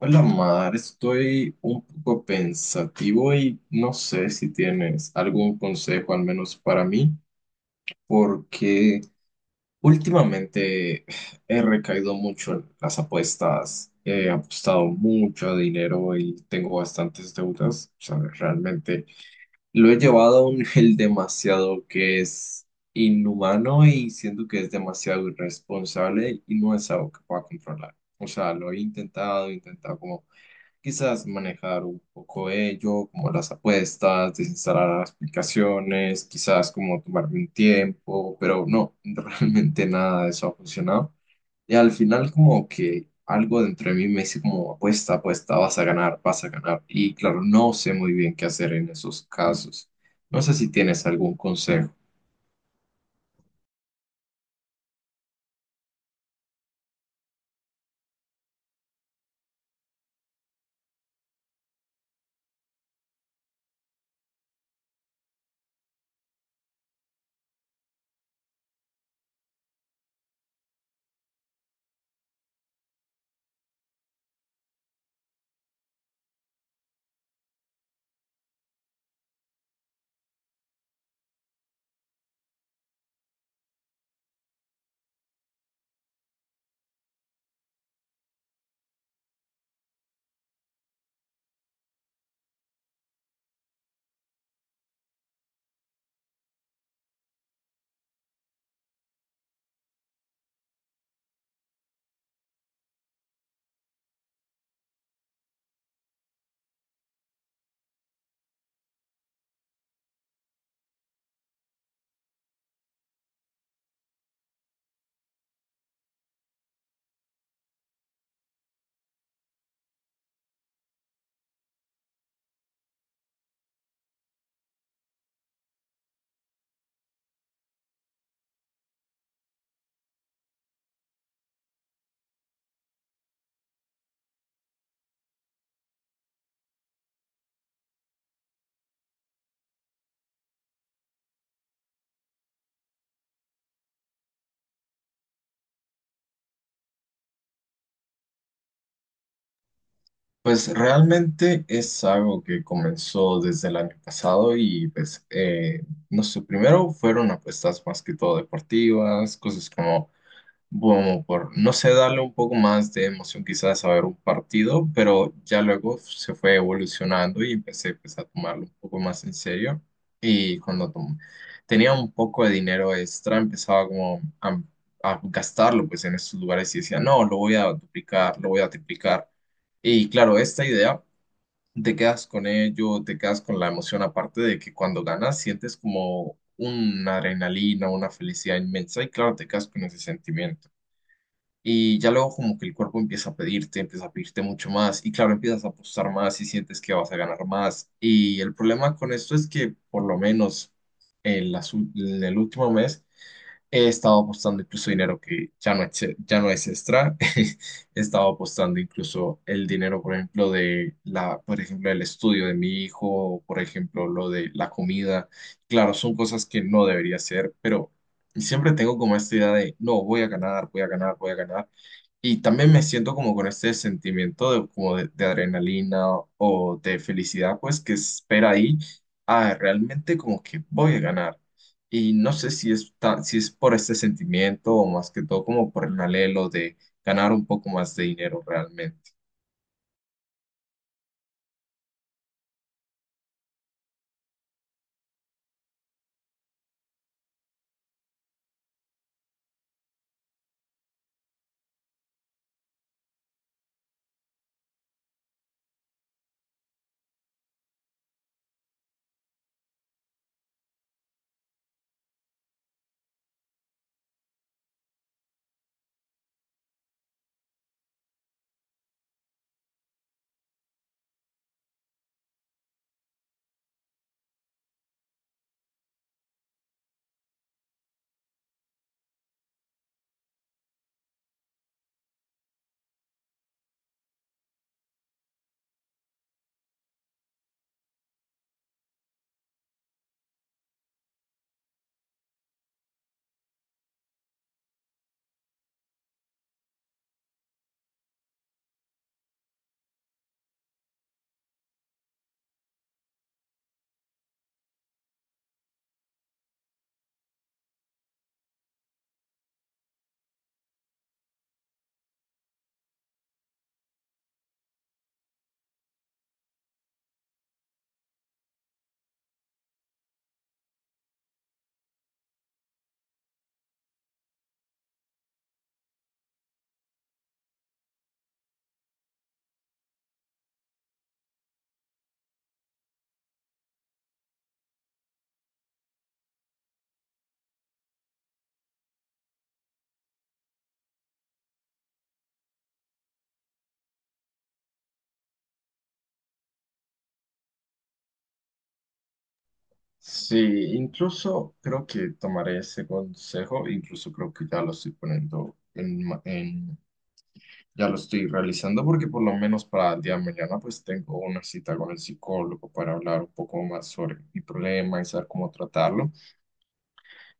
Hola, Mar, estoy un poco pensativo y no sé si tienes algún consejo, al menos para mí, porque últimamente he recaído mucho en las apuestas, he apostado mucho dinero y tengo bastantes deudas. O sea, realmente lo he llevado a un nivel demasiado que es inhumano, y siento que es demasiado irresponsable y no es algo que pueda controlar. O sea, lo he intentado como quizás manejar un poco ello, como las apuestas, desinstalar las aplicaciones, quizás como tomarme un tiempo, pero no, realmente nada de eso ha funcionado. Y al final como que algo dentro de mí me dice como apuesta, apuesta, vas a ganar, vas a ganar. Y claro, no sé muy bien qué hacer en esos casos. No sé si tienes algún consejo. Pues realmente es algo que comenzó desde el año pasado y pues no sé, primero fueron apuestas más que todo deportivas, cosas como bueno, por no sé, darle un poco más de emoción quizás a ver un partido. Pero ya luego se fue evolucionando y empecé pues, a tomarlo un poco más en serio. Y cuando tenía un poco de dinero extra, empezaba como a gastarlo pues en estos lugares y decía, no, lo voy a duplicar, lo voy a triplicar. Y claro, esta idea, te quedas con ello, te quedas con la emoción, aparte de que cuando ganas sientes como una adrenalina, una felicidad inmensa, y claro, te quedas con ese sentimiento. Y ya luego como que el cuerpo empieza a pedirte mucho más y claro, empiezas a apostar más y sientes que vas a ganar más. Y el problema con esto es que por lo menos en el último mes he estado apostando incluso dinero que ya no es extra. He estado apostando incluso el dinero, por ejemplo, el estudio de mi hijo, por ejemplo, lo de la comida. Claro, son cosas que no debería hacer, pero siempre tengo como esta idea de, no, voy a ganar, voy a ganar, voy a ganar. Y también me siento como con este sentimiento de, como de adrenalina o de felicidad, pues que espera ahí a realmente como que voy a ganar. Y no sé si es por este sentimiento o más que todo como por el anhelo de ganar un poco más de dinero realmente. Sí, incluso creo que tomaré ese consejo, incluso creo que ya lo estoy poniendo en, ma- en- ya lo estoy realizando, porque por lo menos para el día de mañana pues tengo una cita con el psicólogo para hablar un poco más sobre mi problema y saber cómo tratarlo.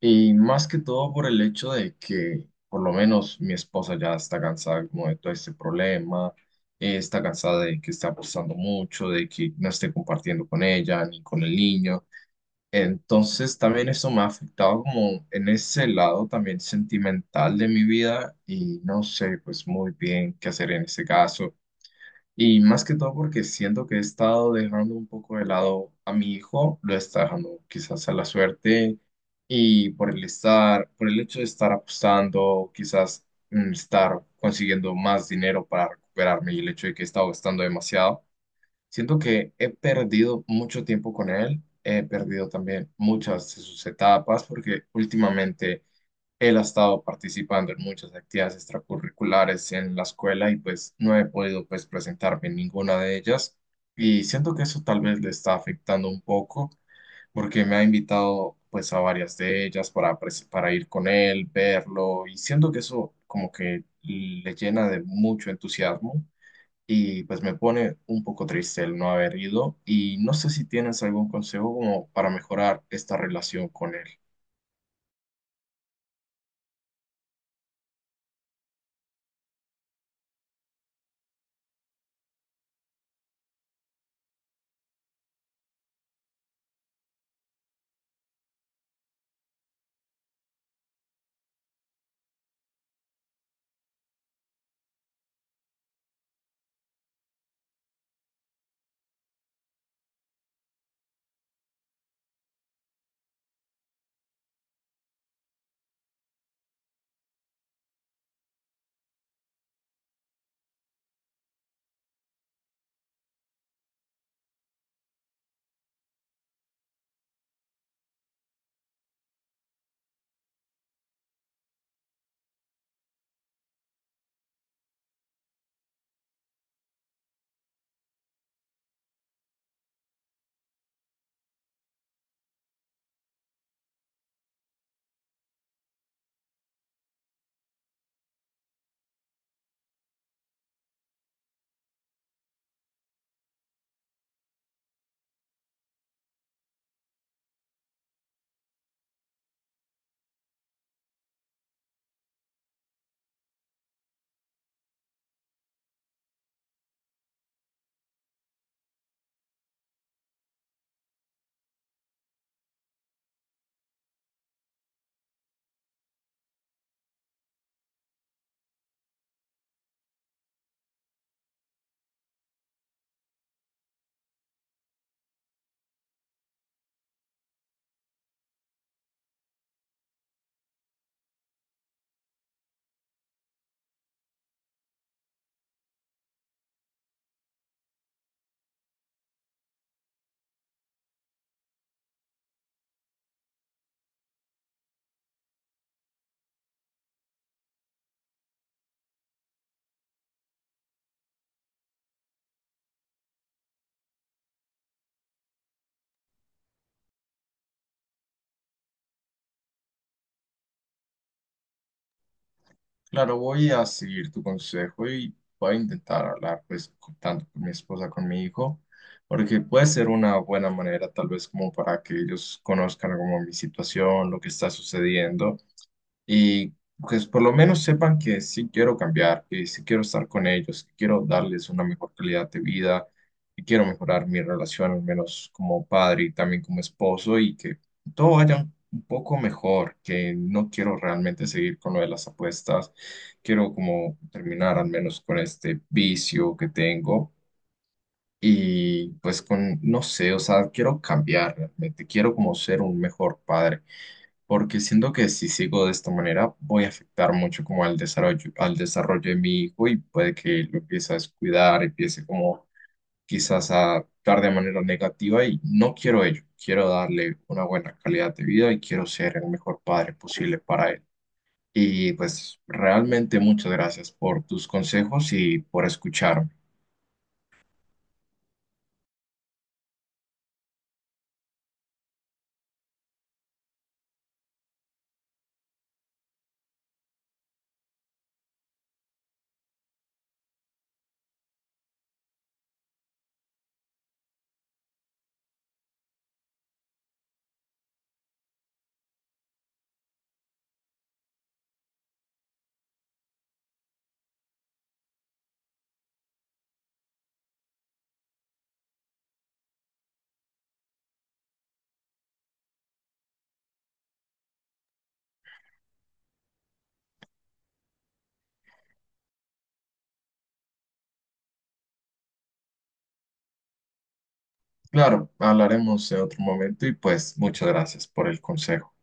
Y más que todo por el hecho de que por lo menos mi esposa ya está cansada como de todo este problema, está cansada de que está apostando mucho, de que no esté compartiendo con ella ni con el niño. Entonces también eso me ha afectado como en ese lado también sentimental de mi vida, y no sé pues muy bien qué hacer en ese caso. Y más que todo porque siento que he estado dejando un poco de lado a mi hijo, lo está dejando quizás a la suerte, y por el estar, por el hecho de estar apostando, quizás estar consiguiendo más dinero para recuperarme, y el hecho de que he estado gastando demasiado. Siento que he perdido mucho tiempo con él, he perdido también muchas de sus etapas porque últimamente él ha estado participando en muchas actividades extracurriculares en la escuela y pues no he podido pues presentarme en ninguna de ellas, y siento que eso tal vez le está afectando un poco porque me ha invitado pues a varias de ellas para ir con él, verlo, y siento que eso como que le llena de mucho entusiasmo, y pues me pone un poco triste el no haber ido. Y no sé si tienes algún consejo como para mejorar esta relación con él. Claro, voy a seguir tu consejo y voy a intentar hablar pues tanto con mi esposa, con mi hijo, porque puede ser una buena manera tal vez como para que ellos conozcan como mi situación, lo que está sucediendo. Y pues por lo menos sepan que sí quiero cambiar, que sí quiero estar con ellos, que quiero darles una mejor calidad de vida, que quiero mejorar mi relación al menos como padre y también como esposo, y que todo vaya un poco mejor, que no quiero realmente seguir con lo de las apuestas, quiero como terminar al menos con este vicio que tengo. Y pues con, no sé, o sea, quiero cambiar realmente, quiero como ser un mejor padre, porque siento que si sigo de esta manera voy a afectar mucho como al desarrollo de mi hijo, y puede que lo empiece a descuidar, empiece como quizás a actuar de manera negativa, y no quiero ello, quiero darle una buena calidad de vida y quiero ser el mejor padre posible para él. Y pues realmente muchas gracias por tus consejos y por escucharme. Claro, hablaremos en otro momento y pues muchas gracias por el consejo.